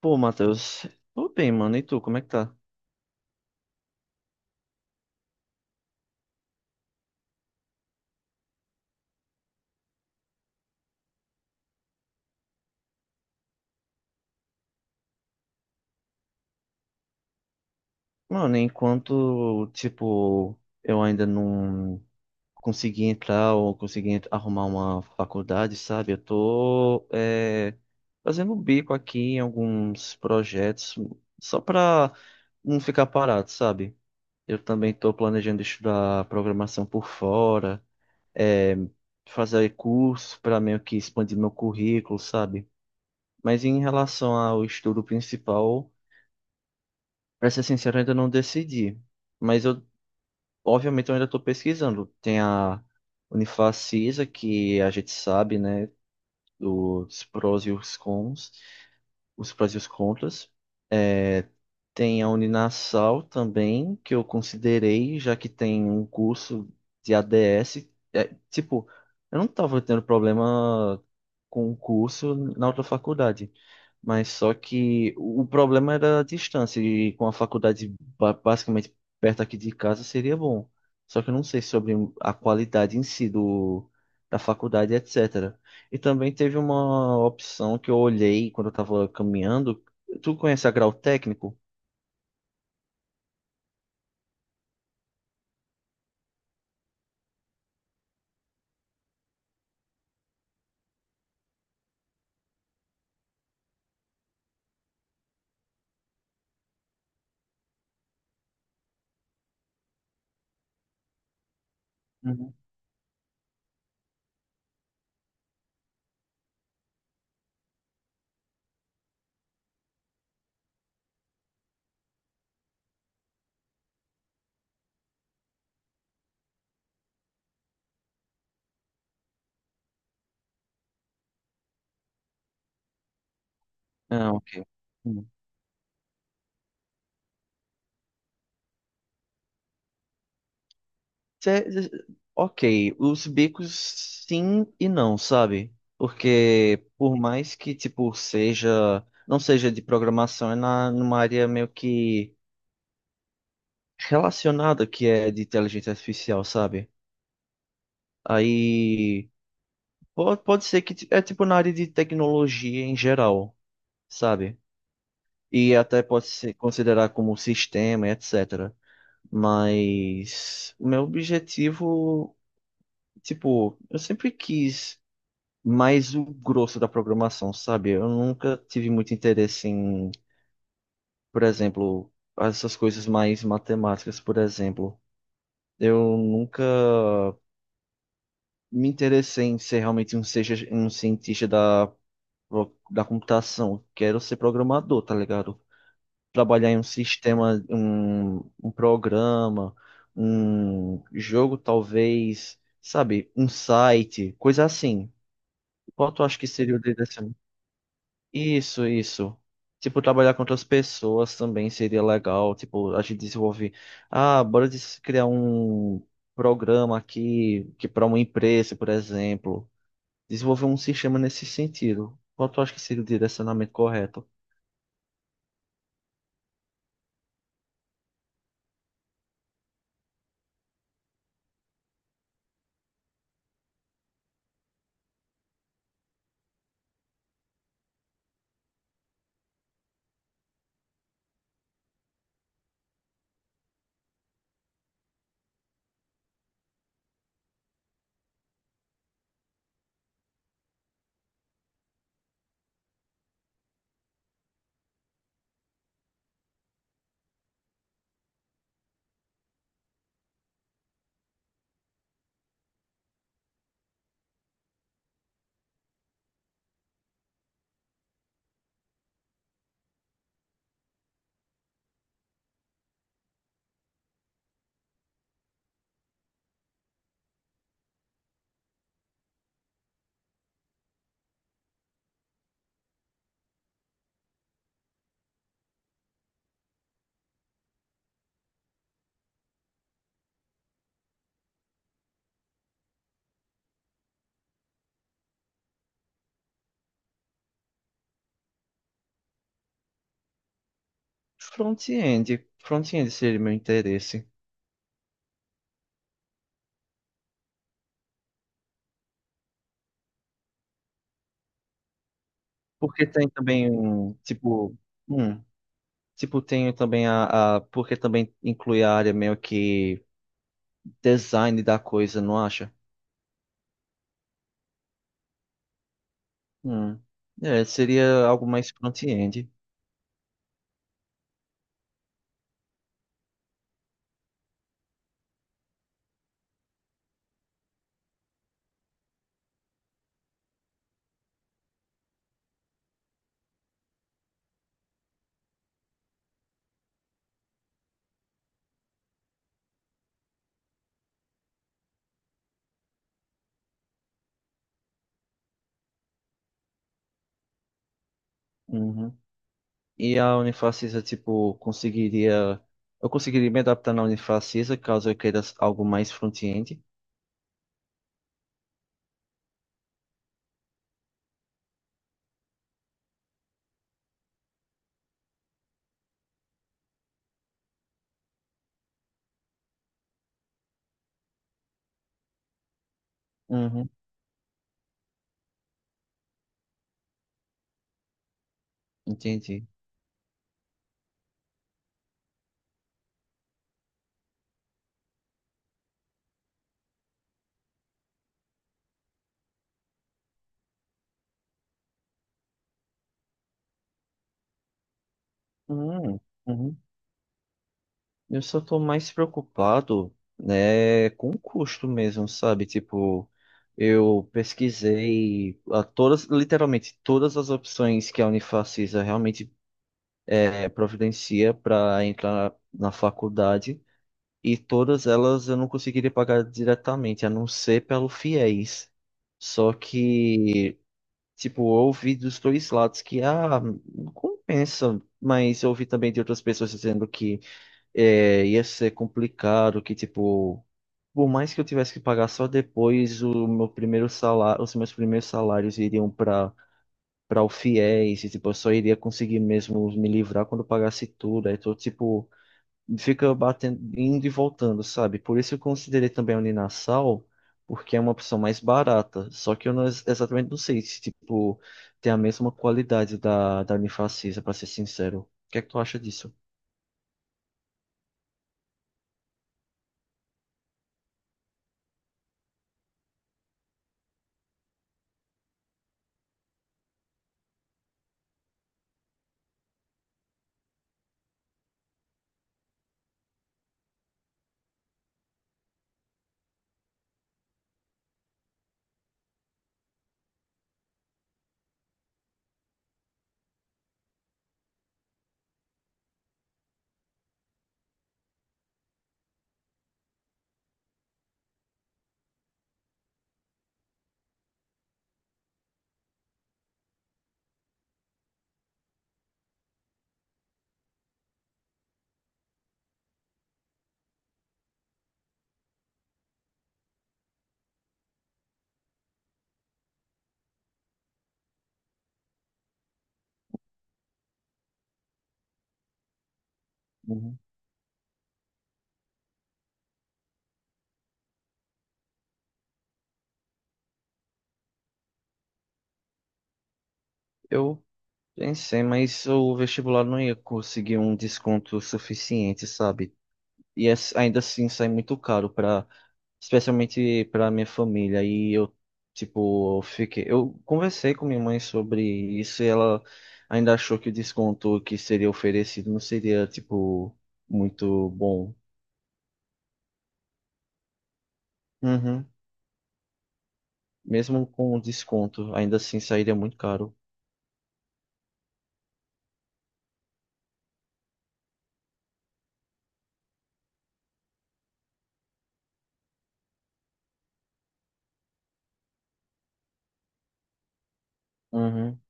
Pô, Matheus, tô bem, mano. E tu, como é que tá? Mano, enquanto, tipo, eu ainda não consegui entrar ou arrumar uma faculdade, sabe? Eu tô, fazendo um bico aqui em alguns projetos só pra não ficar parado, sabe? Eu também tô planejando estudar programação por fora, é, fazer cursos pra meio que expandir meu currículo, sabe? Mas em relação ao estudo principal. Pra ser sincero, eu ainda não decidi. Mas eu, obviamente, eu ainda tô pesquisando. Tem a Unifacisa, que a gente sabe, né? Os prós e os cons, os prós e os contras. Tem a Uninasal também, que eu considerei, já que tem um curso de ADS. É, tipo, eu não tava tendo problema com o curso na outra faculdade. Mas só que o problema era a distância, e com a faculdade basicamente perto aqui de casa seria bom. Só que eu não sei sobre a qualidade em si da faculdade, etc. E também teve uma opção que eu olhei quando eu estava caminhando. Tu conhece a grau técnico? Uhum. Ah, ok. Hum. Cê- cê- ok, os bicos sim e não, sabe? Porque por mais que tipo seja, não seja de programação, é numa área meio que relacionada que é de inteligência artificial, sabe? Aí pode ser que é tipo na área de tecnologia em geral, sabe? E até pode ser considerar como sistema, etc. Mas o meu objetivo, tipo, eu sempre quis mais o grosso da programação, sabe? Eu nunca tive muito interesse em, por exemplo, essas coisas mais matemáticas, por exemplo. Eu nunca me interessei em ser realmente um cientista da computação. Quero ser programador, tá ligado? Trabalhar em um sistema, um programa, um jogo, talvez, sabe? Um site, coisa assim. Qual tu acha que seria o desse? Isso, isso. Tipo, trabalhar com outras pessoas também seria legal. Tipo, a gente desenvolve. Ah, criar um programa aqui que para uma empresa, por exemplo. Desenvolver um sistema nesse sentido. Qual tu acha que seria o direcionamento correto? Front-end. Front-end seria meu interesse. Porque tem também hum, tem também a. Porque também inclui a área meio que design da coisa, não acha? Hum. É, seria algo mais front-end. Uhum. E a Unifacisa, tipo, conseguiria. Eu conseguiria me adaptar na Unifacisa caso eu queira algo mais front-end. Uhum. Entendi. Uhum. Uhum. Eu só tô mais preocupado, né, com o custo mesmo, sabe? Tipo, eu pesquisei a todas, literalmente todas as opções que a Unifacisa realmente providencia para entrar na faculdade. E todas elas eu não conseguiria pagar diretamente, a não ser pelo fiéis. Só que, tipo, eu ouvi dos dois lados que, ah, não compensa. Mas eu ouvi também de outras pessoas dizendo que ia ser complicado, que, tipo, por mais que eu tivesse que pagar só depois, o meu primeiro salário, os meus primeiros salários iriam para o fiéis, e, tipo, eu só iria conseguir mesmo me livrar quando eu pagasse tudo. Aí tô, tipo, fica batendo, indo e voltando, sabe? Por isso eu considerei também a Uninasal, porque é uma opção mais barata. Só que eu não, exatamente não sei se, tipo, tem a mesma qualidade da Unifacisa, pra ser sincero. O que é que tu acha disso? Uhum. Eu pensei, mas o vestibular não ia conseguir um desconto suficiente, sabe? Ainda assim sai muito caro para, especialmente para minha família. E eu, tipo, eu conversei com minha mãe sobre isso e ela ainda achou que o desconto que seria oferecido não seria, tipo, muito bom. Uhum. Mesmo com o desconto, ainda assim sairia muito caro. Uhum.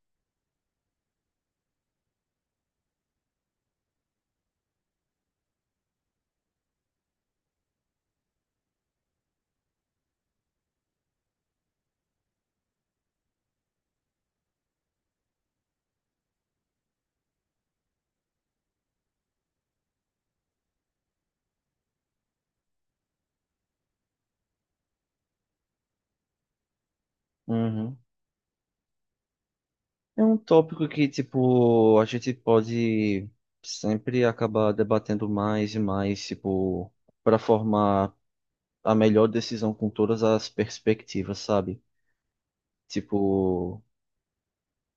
Uhum. É um tópico que, tipo, a gente pode sempre acabar debatendo mais e mais, tipo, para formar a melhor decisão com todas as perspectivas, sabe? Tipo,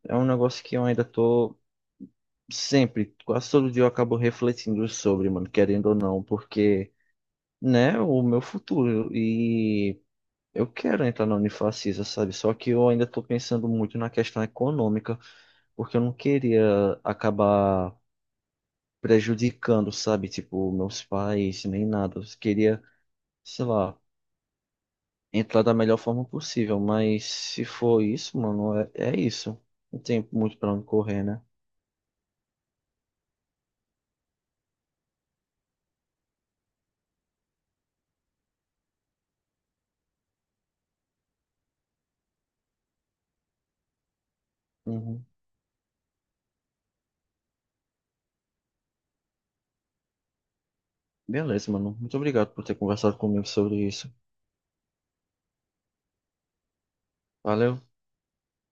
é um negócio que eu ainda tô sempre, quase todo dia eu acabo refletindo sobre, mano, querendo ou não, porque, né, o meu futuro e eu quero entrar na Unifacisa, sabe? Só que eu ainda tô pensando muito na questão econômica, porque eu não queria acabar prejudicando, sabe? Tipo, meus pais, nem nada. Eu queria, sei lá, entrar da melhor forma possível, mas se for isso, mano, é, é isso. Não tem muito pra onde correr, né? Uhum. Beleza, mano. Muito obrigado por ter conversado comigo sobre isso. Valeu.